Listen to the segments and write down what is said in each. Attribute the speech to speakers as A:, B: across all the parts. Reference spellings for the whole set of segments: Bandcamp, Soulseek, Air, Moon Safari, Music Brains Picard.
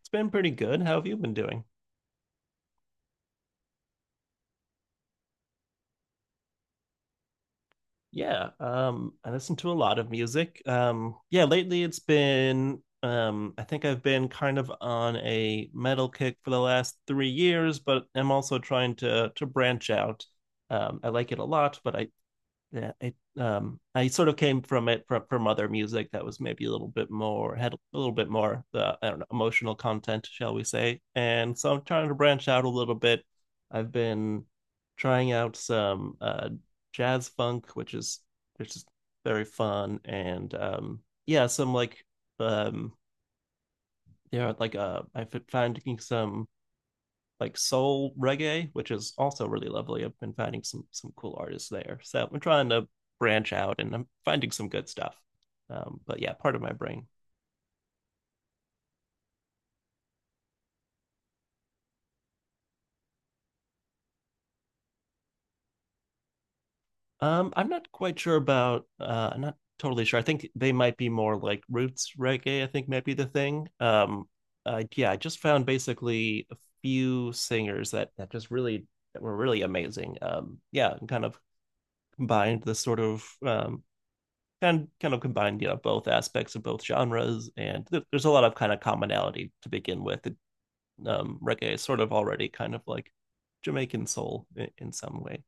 A: It's been pretty good. How have you been doing? Yeah, I listen to a lot of music. Yeah, lately it's been, I think I've been kind of on a metal kick for the last 3 years, but I'm also trying to branch out. I like it a lot, but I yeah it I sort of came from it from other music that was maybe a little bit more, had a little bit more, the I don't know emotional content, shall we say, and so I'm trying to branch out a little bit. I've been trying out some jazz funk, which is very fun. And yeah some like um yeah like I found some like soul reggae, which is also really lovely. I've been finding some cool artists there. So I'm trying to branch out and I'm finding some good stuff. But yeah, part of my brain. I'm not quite sure about. I'm not totally sure. I think they might be more like roots reggae, I think might be the thing. Yeah, I just found basically a few singers that just really, that were really amazing. Yeah, and kind of combined the combined, you know, both aspects of both genres. And there's a lot of kind of commonality to begin with. Reggae is sort of already kind of like Jamaican soul in some way.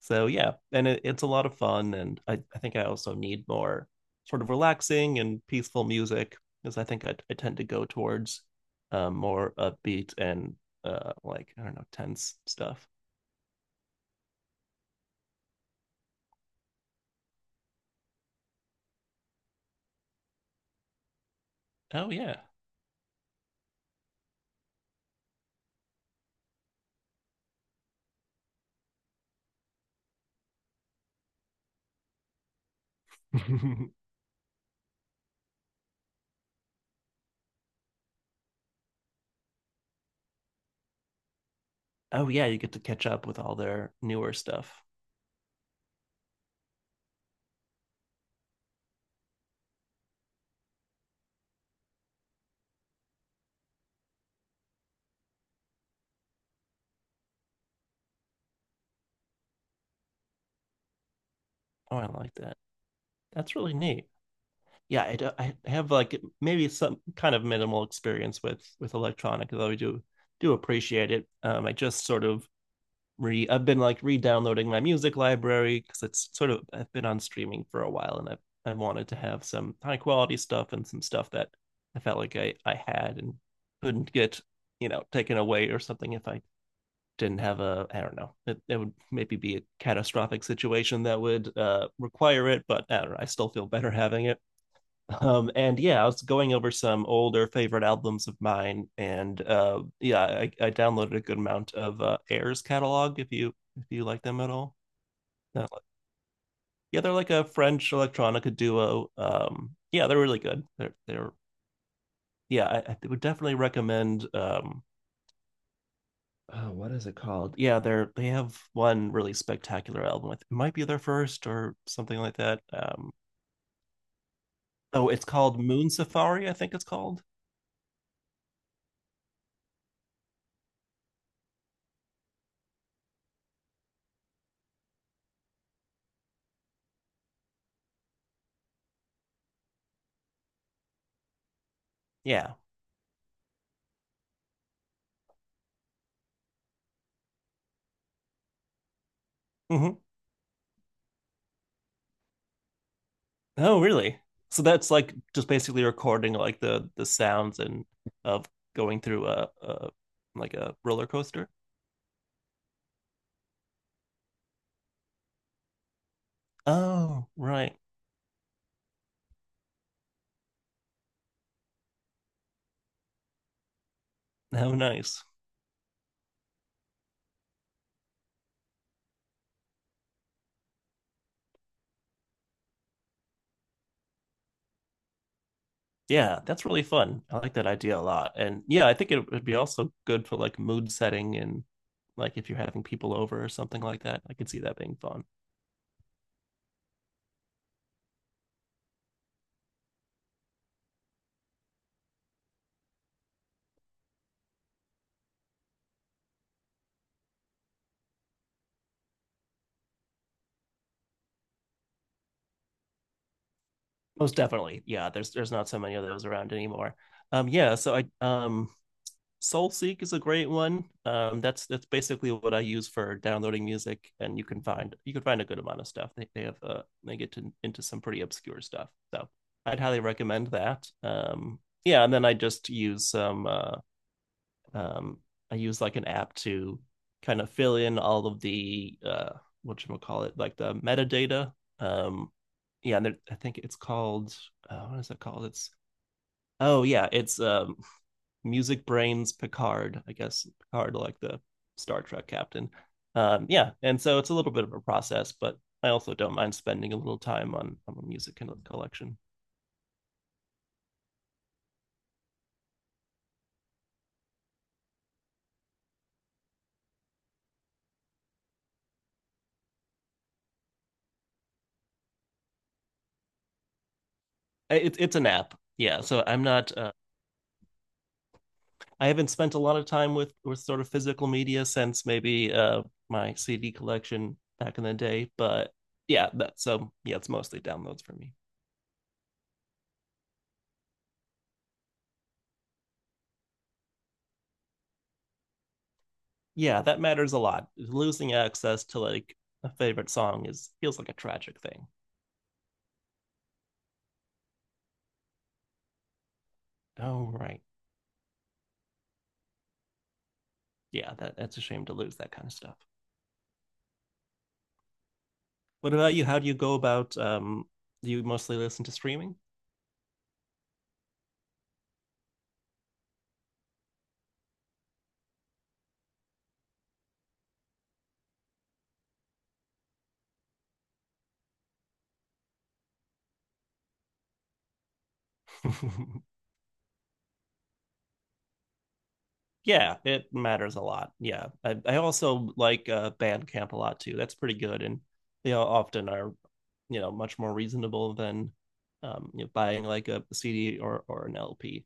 A: So yeah, and it's a lot of fun. And I think I also need more sort of relaxing and peaceful music, because I tend to go towards more upbeat and like I don't know tense stuff. Oh yeah. oh yeah, you get to catch up with all their newer stuff. Oh, I like that. That's really neat. Yeah, I have like maybe some kind of minimal experience with electronic, though I do appreciate it. I just sort of re I've been like re-downloading my music library because it's sort of, I've been on streaming for a while, and I have, I wanted to have some high quality stuff and some stuff that I felt like I had and couldn't get, taken away or something. If I didn't have, a I don't know, it would maybe be a catastrophic situation that would require it, but I don't know, I still feel better having it. And yeah, I was going over some older favorite albums of mine, and I downloaded a good amount of Air's catalog, if you like them at all. Uh, yeah, they're like a French electronica duo. Yeah, they're really good. They're yeah, I would definitely recommend. Oh, what is it called? Yeah, they have one really spectacular album. It might be their first or something like that. Oh, it's called Moon Safari, I think it's called. Yeah. Hmm. Oh, really? So that's like just basically recording like the sounds and of going through a like a roller coaster. Oh, right. How nice. Yeah, that's really fun. I like that idea a lot. And yeah, I think it would be also good for like mood setting and like if you're having people over or something like that. I could see that being fun. Most definitely. Yeah, there's not so many of those around anymore. Yeah, so I Soulseek is a great one. That's basically what I use for downloading music, and you can find a good amount of stuff. They have they get into some pretty obscure stuff, so I'd highly recommend that. Yeah, and then I just use some um, I use like an app to kind of fill in all of the what should we call it, like the metadata. Um, yeah, and I think it's called what is it called? It's Music Brains Picard. I guess Picard, like the Star Trek captain. Yeah, and so it's a little bit of a process, but I also don't mind spending a little time on a music collection. It's an app, yeah. So I'm not. I haven't spent a lot of time with sort of physical media since maybe my CD collection back in the day, but yeah, that, so yeah, it's mostly downloads for me. Yeah, that matters a lot. Losing access to like a favorite song is, feels like a tragic thing. Oh right. Yeah, that that's a shame to lose that kind of stuff. What about you? How do you go about? Do you mostly listen to streaming? yeah, it matters a lot. Yeah, I also like Bandcamp a lot too. That's pretty good, and they all often are, you know, much more reasonable than you know, buying like a CD or an LP.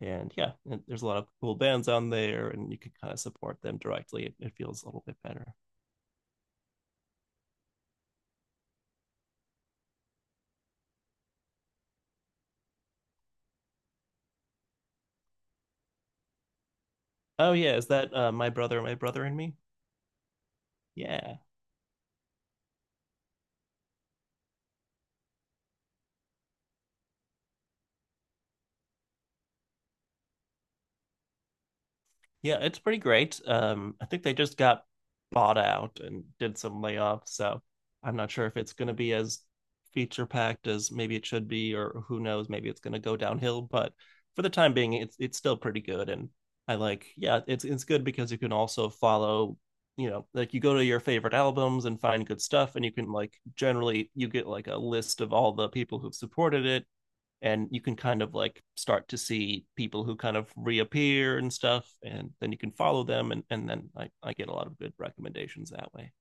A: And yeah, and there's a lot of cool bands on there, and you can kind of support them directly. It feels a little bit better. Oh yeah, is that my brother and me? Yeah. Yeah, it's pretty great. I think they just got bought out and did some layoffs, so I'm not sure if it's going to be as feature packed as maybe it should be, or who knows, maybe it's going to go downhill. But for the time being, it's still pretty good, and I like, yeah, it's good because you can also follow, you know, like you go to your favorite albums and find good stuff, and you can like generally you get like a list of all the people who've supported it, and you can kind of like start to see people who kind of reappear and stuff, and then you can follow them, and then I get a lot of good recommendations that way.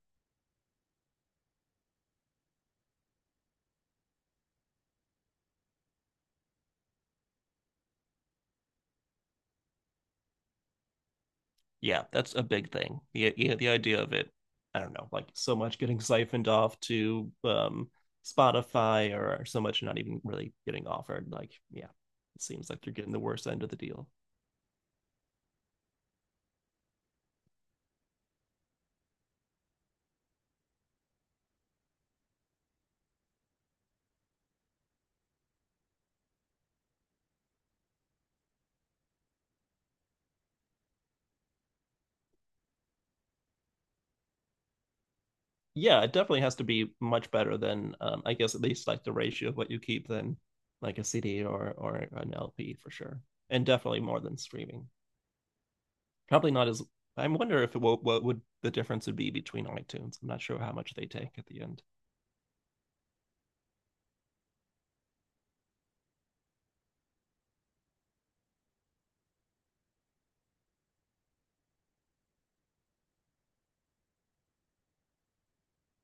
A: Yeah, that's a big thing. Yeah, yeah, the idea of it, I don't know, like so much getting siphoned off to Spotify, or so much not even really getting offered, like, yeah, it seems like you're getting the worst end of the deal. Yeah, it definitely has to be much better than, I guess at least like the ratio of what you keep, than like a CD or an LP for sure, and definitely more than streaming. Probably not as, I wonder if it will, what would the difference would be between iTunes. I'm not sure how much they take at the end.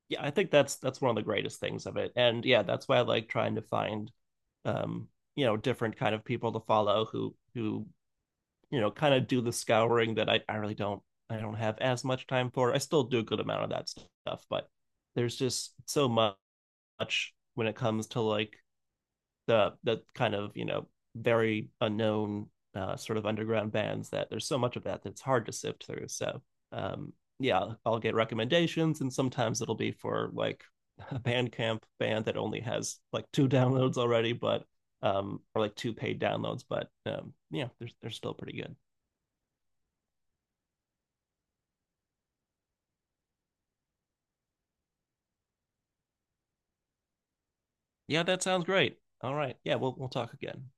A: Yeah, I think that's one of the greatest things of it, and yeah, that's why I like trying to find, um, you know, different kind of people to follow, who you know, kind of do the scouring that I really don't, I don't have as much time for. I still do a good amount of that stuff, but there's just so much when it comes to like the kind of, you know, very unknown sort of underground bands, that there's so much of that that's hard to sift through. So um yeah, I'll get recommendations, and sometimes it'll be for like a Bandcamp band that only has like two downloads already, but or like two paid downloads, but yeah, they're still pretty good. Yeah, that sounds great. All right. Yeah, we'll talk again.